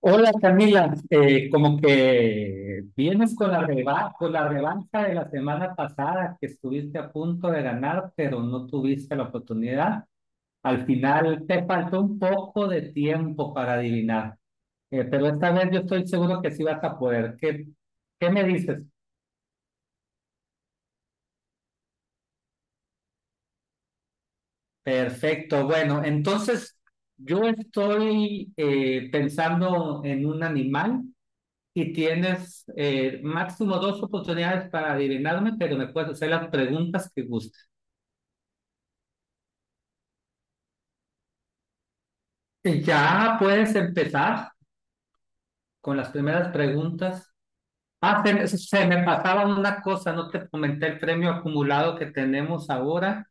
Hola Camila. Como que vienes con la revancha de la semana pasada que estuviste a punto de ganar, pero no tuviste la oportunidad. Al final te faltó un poco de tiempo para adivinar, pero esta vez yo estoy seguro que sí vas a poder. ¿Qué me dices? Perfecto, bueno, entonces yo estoy pensando en un animal. Y tienes máximo dos oportunidades para adivinarme, pero me puedes hacer las preguntas que gustes. Y ya puedes empezar con las primeras preguntas. Ah, se me pasaba una cosa, no te comenté el premio acumulado que tenemos ahora.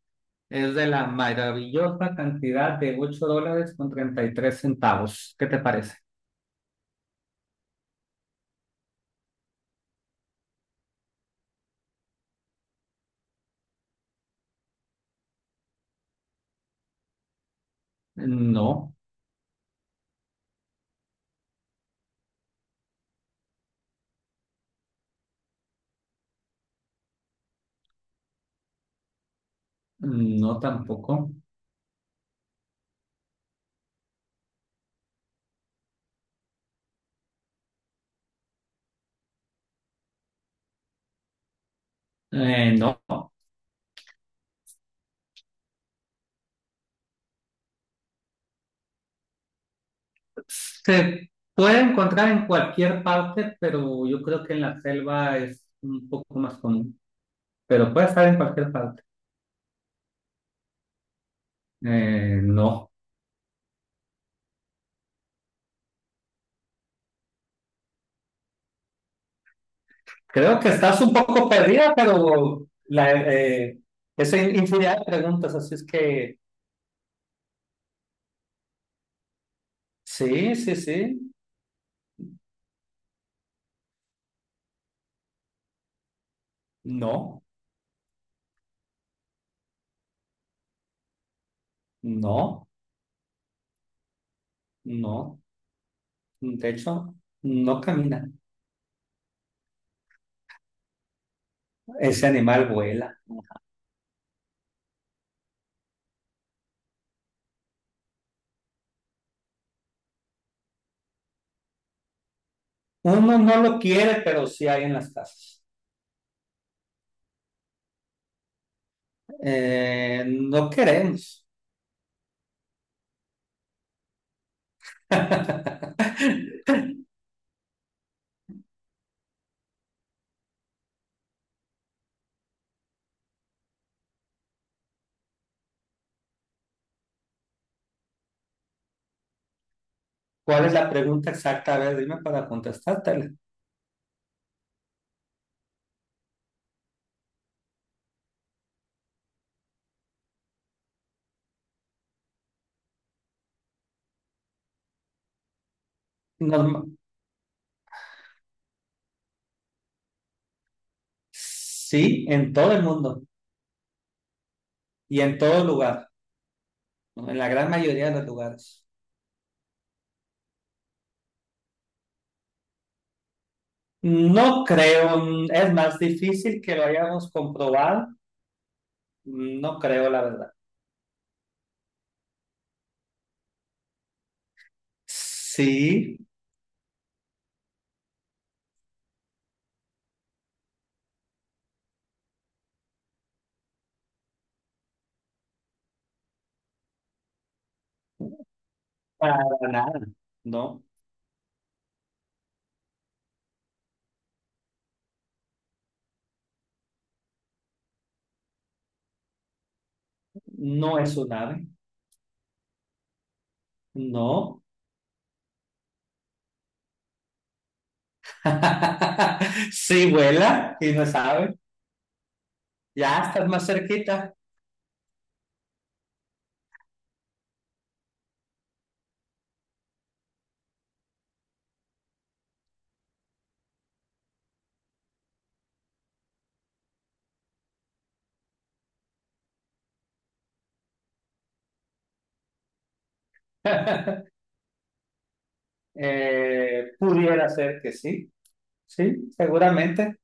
Es de la maravillosa cantidad de $8,33. ¿Qué te parece? No, no tampoco. No. Se puede encontrar en cualquier parte, pero yo creo que en la selva es un poco más común. Pero puede estar en cualquier parte. No. Creo que estás un poco perdida, pero eso es infinidad de preguntas, así es que sí, sí, sí. No, no, no. De hecho, no camina. Ese animal vuela. Uno no lo quiere, pero sí hay en las casas. No queremos. ¿Cuál es la pregunta exacta? A ver, dime para contestártela. Norma- sí, en todo el mundo y en todo lugar, ¿no? En la gran mayoría de los lugares. No creo, es más difícil que lo hayamos comprobado. No creo, la verdad. Sí, para nada. No, no es un ave. No. Sí vuela y no sabe. Ya estás más cerquita. Pudiera ser que sí. Sí, seguramente.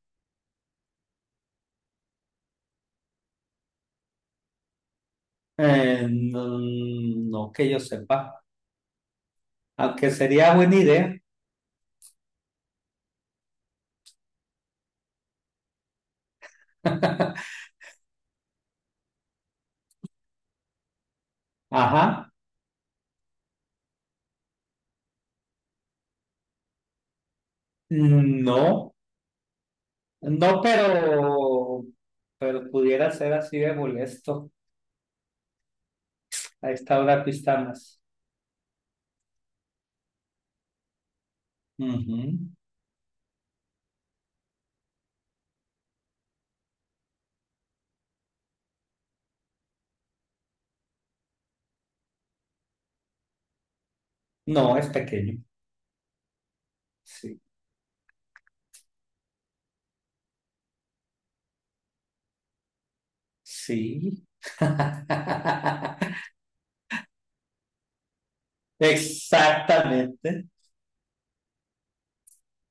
No, no que yo sepa, aunque sería buena idea. Ajá, no, no, pero pudiera ser así de molesto a esta hora que estamos. Ujú. No, es pequeño. Sí, sí. Exactamente,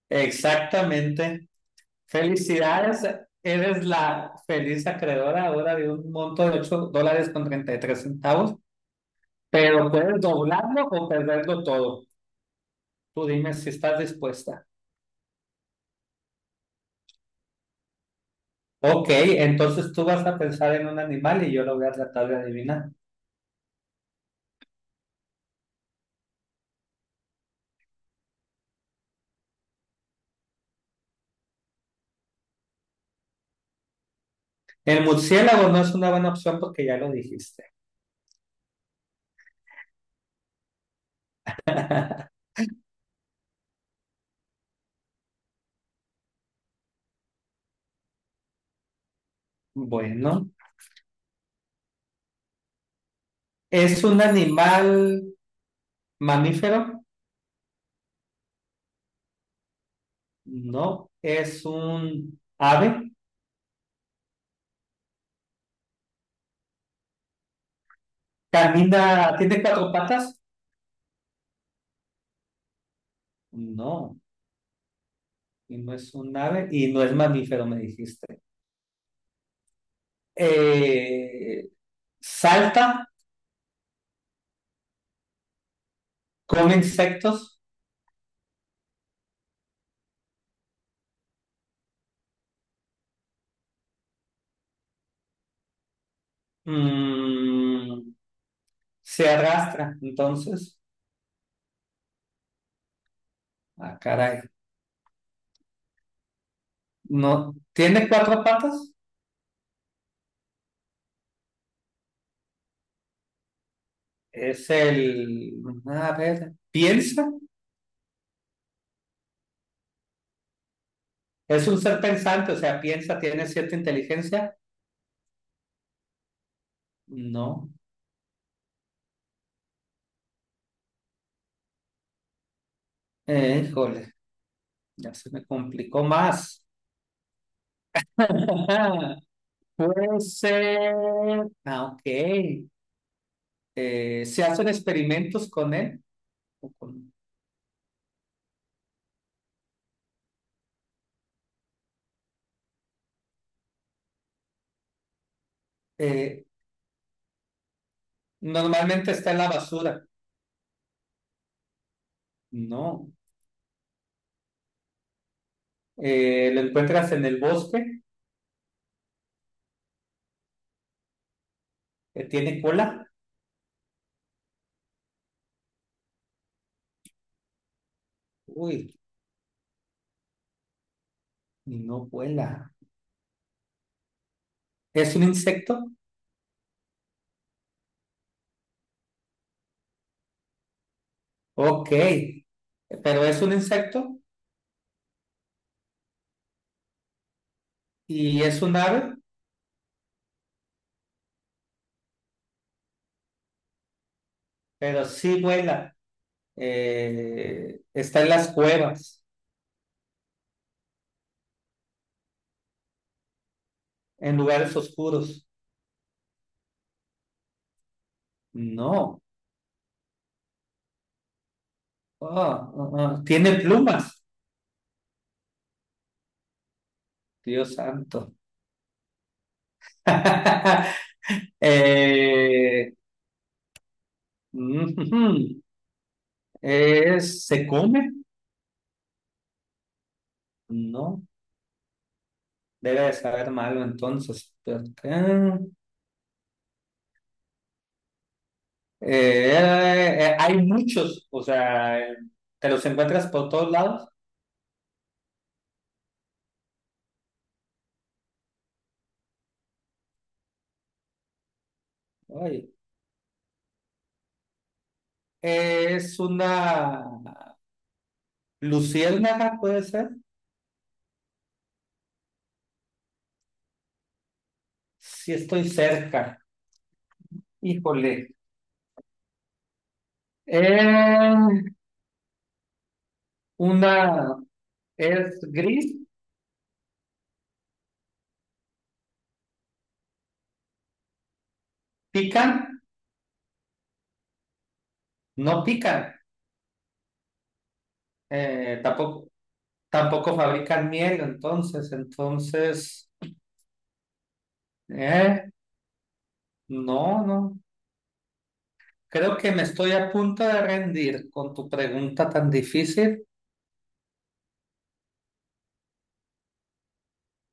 exactamente. Felicidades, eres la feliz acreedora ahora de un monto de $8,33, pero puedes doblarlo o perderlo todo. Tú dime si estás dispuesta. Ok, entonces tú vas a pensar en un animal y yo lo voy a tratar de adivinar. El murciélago no es una buena opción porque ya lo dijiste. Bueno, ¿es un animal mamífero? No, es un ave. ¿Camina? ¿Tiene cuatro patas? No. Y no es un ave y no es mamífero, me dijiste. Eh, Salta, come insectos, mm, se arrastra. Entonces, ah, caray. No, tiene cuatro patas. Es el, a ver, piensa. Es un ser pensante, o sea, piensa, tiene cierta inteligencia. No, híjole, ya se me complicó más. Puede ser. Ah, ok. Se hacen experimentos con él. o con- eh, Normalmente está en la basura. No. Lo encuentras en el bosque. ¿Tiene cola? Uy, no vuela. ¿Es un insecto? Ok. Pero es un insecto y es un ave, pero sí vuela. Está en las cuevas, en lugares oscuros. No. Oh, ah, ah. Tiene plumas. Dios santo. Eh, Ujú. ¿Se come? No, debe de saber malo entonces. Pero acá, hay muchos, o sea, te los encuentras por todos lados. Ay, es una luciérnaga, puede ser. Si estoy cerca, híjole. Eh, una es gris, pican, no pican. Eh, tampoco, tampoco fabrican miel, entonces. Eh, no, no. Creo que me estoy a punto de rendir con tu pregunta tan difícil.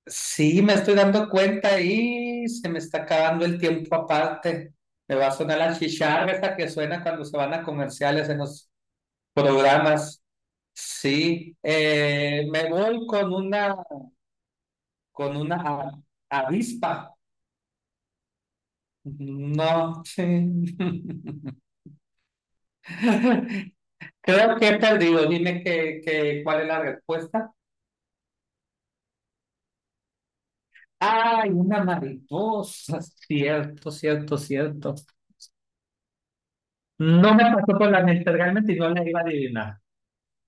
Sí, me estoy dando cuenta y se me está acabando el tiempo aparte. Me va a sonar la chicharra esa que suena cuando se van a comerciales en los programas. Sí, me voy con una, con una a- avispa. No, sí. Creo que he perdido. Dime cuál es la respuesta. Ay, una mariposa, cierto, cierto, cierto. No me pasó por la mente realmente y no la iba a adivinar.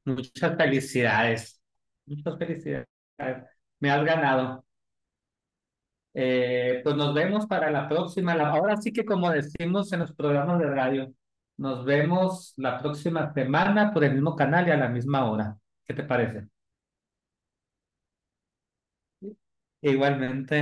Muchas felicidades, muchas felicidades. Me has ganado. Pues nos vemos para la próxima. Ahora sí que como decimos en los programas de radio, nos vemos la próxima semana por el mismo canal y a la misma hora. ¿Qué te parece? Igualmente.